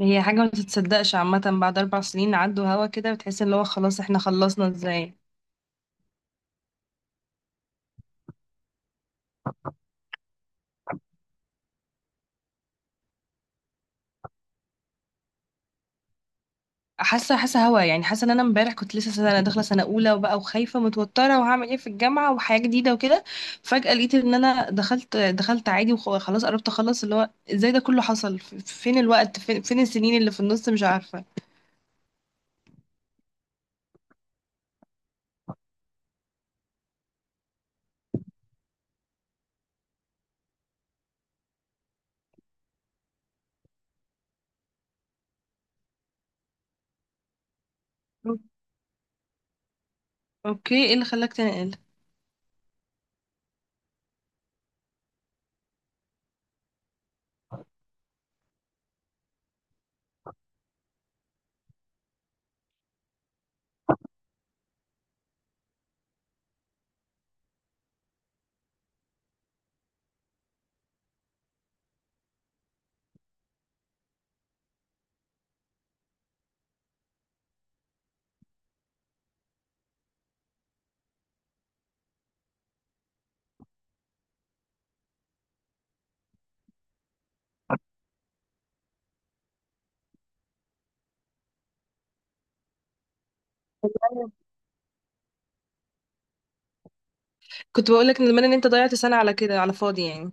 هي حاجة ما تتصدقش عامة، بعد 4 سنين عدوا هوا كده بتحس اللي هو خلاص احنا خلصنا ازاي. حاسة حاسة هوا يعني حاسة ان انا امبارح كنت لسه سنة داخلة سنة أولى وبقى وخايفة متوترة وهعمل ايه في الجامعة وحياة جديدة وكده. فجأة لقيت ان انا دخلت عادي وخلاص قربت اخلص اللي هو ازاي ده كله حصل، فين الوقت، فين السنين اللي في النص، مش عارفة. اوكي، ايه اللي خلاك تنقل؟ كنت بقولك ان زمان ان انت ضيعت سنة على كده، على فاضي يعني.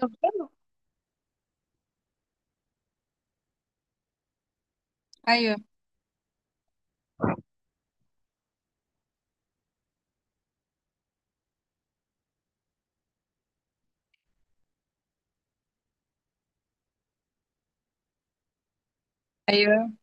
طب حلو. ايوه. ايوه.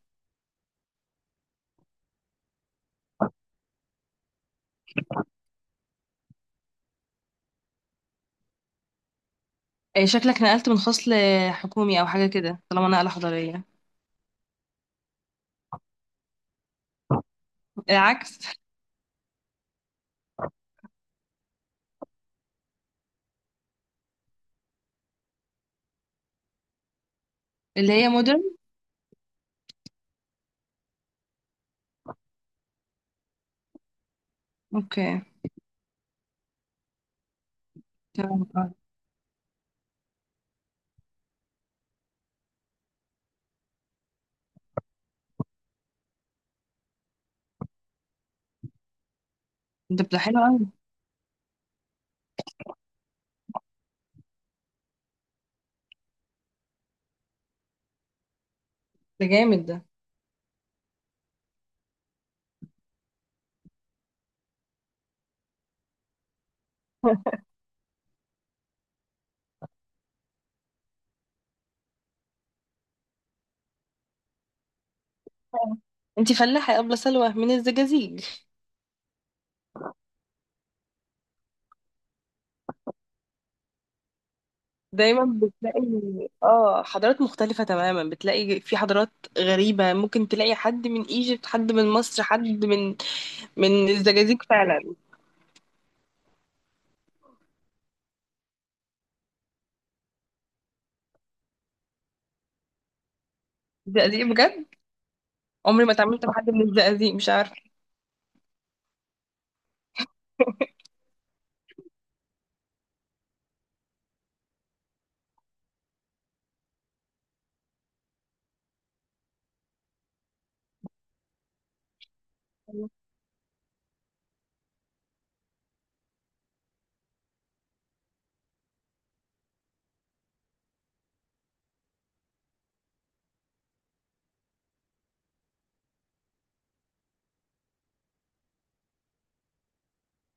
إيه شكلك نقلت من فصل حكومي او حاجه كده طالما نقله حضاريه؟ العكس. اللي هي مودرن. اوكي. تمام آه. ده ده حلو قوي. ده جامد ده. آه. انتي فلاحه يا ابله سلوى من الزجاجيج؟ دايما بتلاقي اه حضارات مختلفه تماما، بتلاقي في حضارات غريبه، ممكن تلاقي حد من ايجيبت حد من مصر حد من من الزجاجيج فعلا. الزقازيق بجد. عمري ما اتعاملت مع حد من الزقازيق، مش عارفه.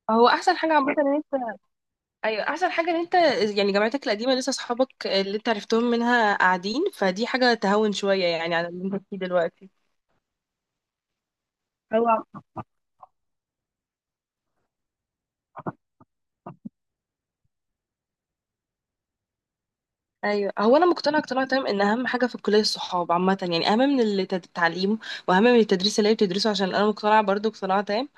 هو احسن حاجه عامه ان انت، ايوه احسن حاجه ان انت يعني جامعتك القديمه لسه اصحابك اللي انت عرفتهم منها قاعدين، فدي حاجه تهون شويه يعني على اللي انت فيه دلوقتي. هو. ايوه، هو انا مقتنعه اقتناع تام ان اهم حاجه في الكليه الصحاب عامه يعني، اهم من التعليم واهم من التدريس اللي هي بتدرسه، عشان انا مقتنعه برضو اقتناع تام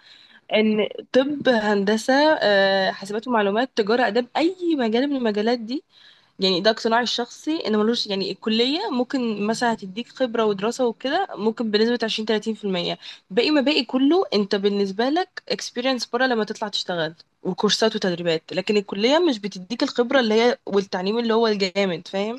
ان طب، هندسه، آه، حاسبات ومعلومات، تجاره، اداب، اي مجال من المجالات دي، يعني ده اقتناعي الشخصي ان ملوش يعني. الكلية ممكن مثلا هتديك خبرة ودراسة وكده ممكن بنسبة 20-30%، باقي ما باقي كله انت بالنسبة لك experience برا لما تطلع تشتغل وكورسات وتدريبات، لكن الكلية مش بتديك الخبرة اللي هي والتعليم اللي هو الجامد، فاهم؟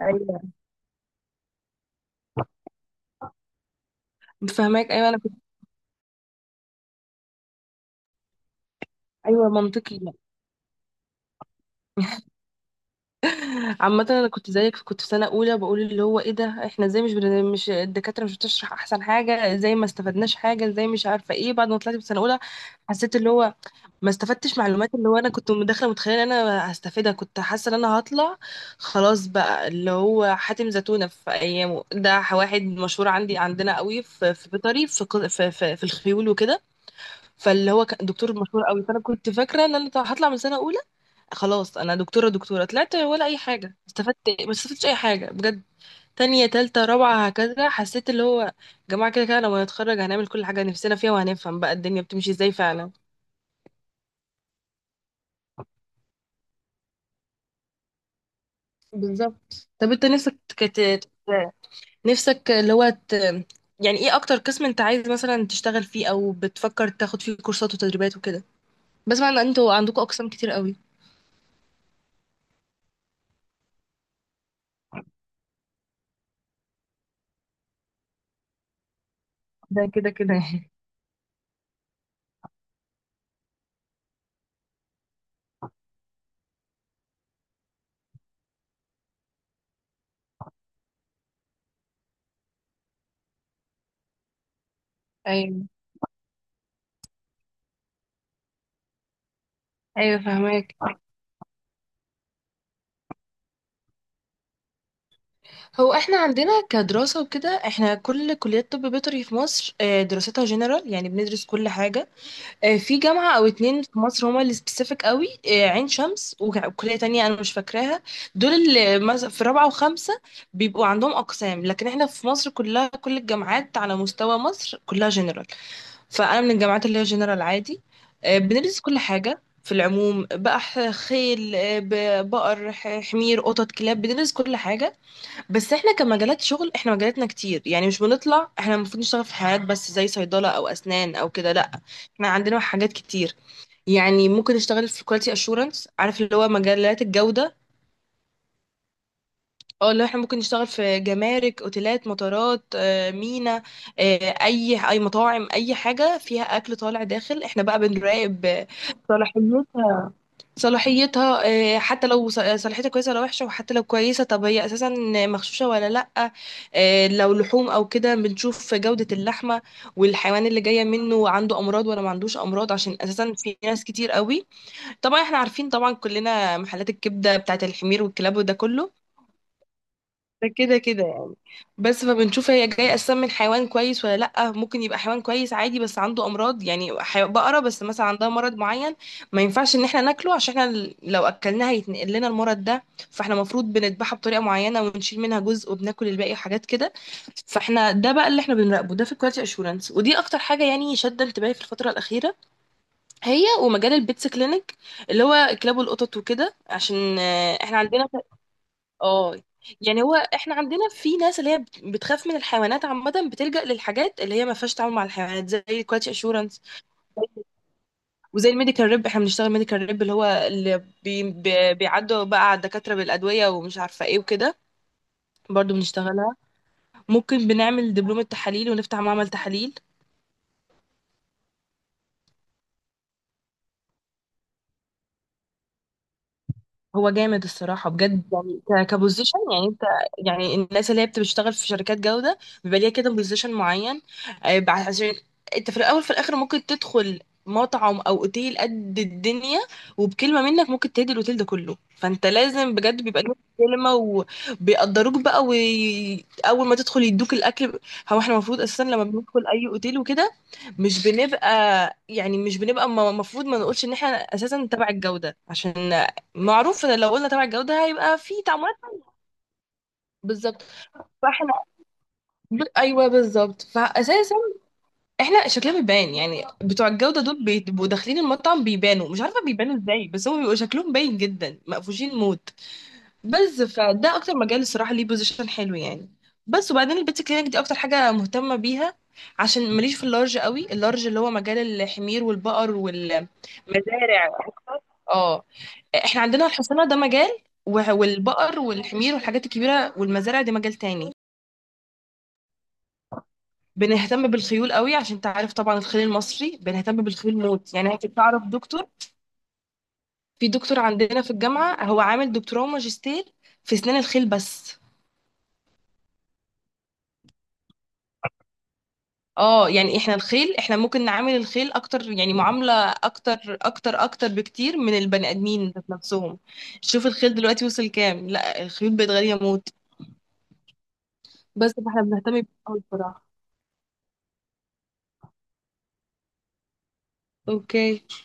ايوه فهماك. ايوه انا كنت ايوه منطقي. عامة انا كنت زيك، كنت في سنة اولى بقول اللي هو ايه ده، احنا ازاي مش الدكاترة مش بتشرح احسن حاجة، ازاي ما استفدناش حاجة، ازاي مش عارفة ايه. بعد ما طلعت في سنة اولى حسيت اللي هو ما استفدتش معلومات، اللي هو انا كنت داخله متخيله ان انا هستفيدها، كنت حاسه ان انا هطلع خلاص بقى اللي هو حاتم زتونه في ايامه ده واحد مشهور عندي عندنا قوي في في بيطري في الخيول وكده، فاللي هو كان دكتور مشهور قوي، فانا كنت فاكره ان انا هطلع من سنه اولى خلاص انا دكتوره دكتوره طلعت ولا اي حاجه استفدت، ما استفدتش اي حاجه بجد. تانية تالتة رابعة هكذا حسيت اللي هو جماعة كده كده لما نتخرج هنعمل كل حاجة نفسنا فيها وهنفهم بقى الدنيا بتمشي ازاي فعلا. بالظبط، طب انت نفسك نفسك اللي هو يعني ايه اكتر قسم انت عايز مثلا تشتغل فيه او بتفكر تاخد فيه كورسات وتدريبات وكده؟ بسمع ان انتوا عندكم اقسام كتير قوي. ده كده كده يعني. ايوه. ايوه فهماك. هو احنا عندنا كدراسه وكده، احنا كل كليات طب بيطري في مصر، آه، دراستها جنرال، يعني بندرس كل حاجه. آه، في جامعة أو 2 في مصر هما اللي سبيسيفيك قوي، آه، عين شمس وكلية تانية أنا مش فاكراها، دول اللي في رابعة وخمسة بيبقوا عندهم أقسام، لكن احنا في مصر كلها، كل الجامعات على مستوى مصر كلها جنرال، فأنا من الجامعات اللي هي جنرال عادي. آه، بندرس كل حاجة في العموم بقى خيل، آه، بقر حمير قطط كلاب، بندرس كل حاجة. بس احنا كمجالات شغل احنا مجالاتنا كتير، يعني مش بنطلع احنا المفروض نشتغل في حاجات بس زي صيدلة او اسنان او كده، لا احنا عندنا حاجات كتير. يعني ممكن نشتغل في كواليتي اشورنس، عارف اللي هو مجالات الجودة، اه اللي احنا ممكن نشتغل في جمارك، اوتيلات، مطارات، آه، مينا، آه، اي اي مطاعم اي حاجة فيها اكل طالع داخل، احنا بقى بنراقب آه، صلاحية صلاحيتها، آه، حتى لو آه، صلاحيتها كويسه ولا وحشه، وحتى لو كويسه طب هي اساسا مغشوشه ولا لا، آه، لو لحوم او كده بنشوف جوده اللحمه، والحيوان اللي جايه منه عنده امراض ولا ما عندوش امراض، عشان اساسا في ناس كتير قوي، طبعا احنا عارفين طبعا كلنا محلات الكبده بتاعت الحمير والكلاب وده كله، ده كده كده، بس فبنشوف هي جاية أساسا من حيوان كويس ولا لأ. ممكن يبقى حيوان كويس عادي بس عنده أمراض، يعني بقرة بس مثلا عندها مرض معين ما ينفعش إن احنا ناكله عشان احنا لو أكلناها هيتنقل لنا المرض ده، فاحنا المفروض بنذبحها بطريقة معينة ونشيل منها جزء وبناكل الباقي وحاجات كده، فاحنا ده بقى اللي احنا بنراقبه، ده في الكواليتي اشورنس، ودي اكتر حاجه يعني شادة انتباهي في الفتره الاخيره، هي ومجال البيتس كلينيك اللي هو كلاب والقطط وكده، عشان آه، احنا عندنا اه يعني، هو احنا عندنا في ناس اللي هي بتخاف من الحيوانات عامة، بتلجأ للحاجات اللي هي ما فيهاش تعامل مع الحيوانات زي الكواليتي اشورنس، وزي الميديكال ريب، احنا بنشتغل ميديكال ريب اللي هو اللي بيعدوا بقى على الدكاترة بالأدوية ومش عارفة ايه وكده، برضو بنشتغلها، ممكن بنعمل دبلومة تحاليل ونفتح معمل تحاليل. هو جامد الصراحة بجد يعني كبوزيشن يعني انت، يعني الناس اللي هي بتشتغل في شركات جودة بيبقى ليها كده بوزيشن معين، آه، عشان انت في الأول في الآخر ممكن تدخل مطعم أو أوتيل قد الدنيا، وبكلمة منك ممكن تهدي الأوتيل ده كله، فانت لازم بجد بيبقى ليك كلمة وبيقدروك بقى، وأول ما تدخل يدوك الأكل. هو احنا المفروض أساسا لما بندخل أي أوتيل وكده مش بنبقى، يعني مش بنبقى المفروض ما نقولش ان احنا اساسا تبع الجوده، عشان معروف ان لو قلنا تبع الجودة هيبقى في تعاملات، بالظبط. فاحنا ايوه بالظبط، فاساسا احنا شكلها بيبان، يعني بتوع الجودة دول بيبقوا داخلين المطعم بيبانوا، مش عارفة بيبانوا ازاي بس هم بيبقوا شكلهم باين جدا مقفوشين موت، بس فده اكتر مجال الصراحة ليه بوزيشن حلو يعني. بس وبعدين البيت كلينك دي اكتر حاجة مهتمة بيها عشان ماليش في اللارج قوي، اللارج اللي هو مجال الحمير والبقر والمزارع. اه احنا عندنا الحصانة ده مجال والبقر والحمير والحاجات الكبيرة والمزارع دي مجال تاني. بنهتم بالخيول قوي عشان انت عارف طبعا الخيل المصري، بنهتم بالخيول موت، يعني انت تعرف دكتور؟ في دكتور عندنا في الجامعة هو عامل دكتوراه وماجستير في اسنان الخيل بس. اه يعني احنا الخيل احنا ممكن نعامل الخيل اكتر يعني معاملة اكتر اكتر اكتر بكتير من البني ادمين ذات نفسهم. شوف الخيل دلوقتي وصل كام، لا الخيول بقت غالية موت، بس فاحنا بنهتم بيه أوي بصراحة. اوكي.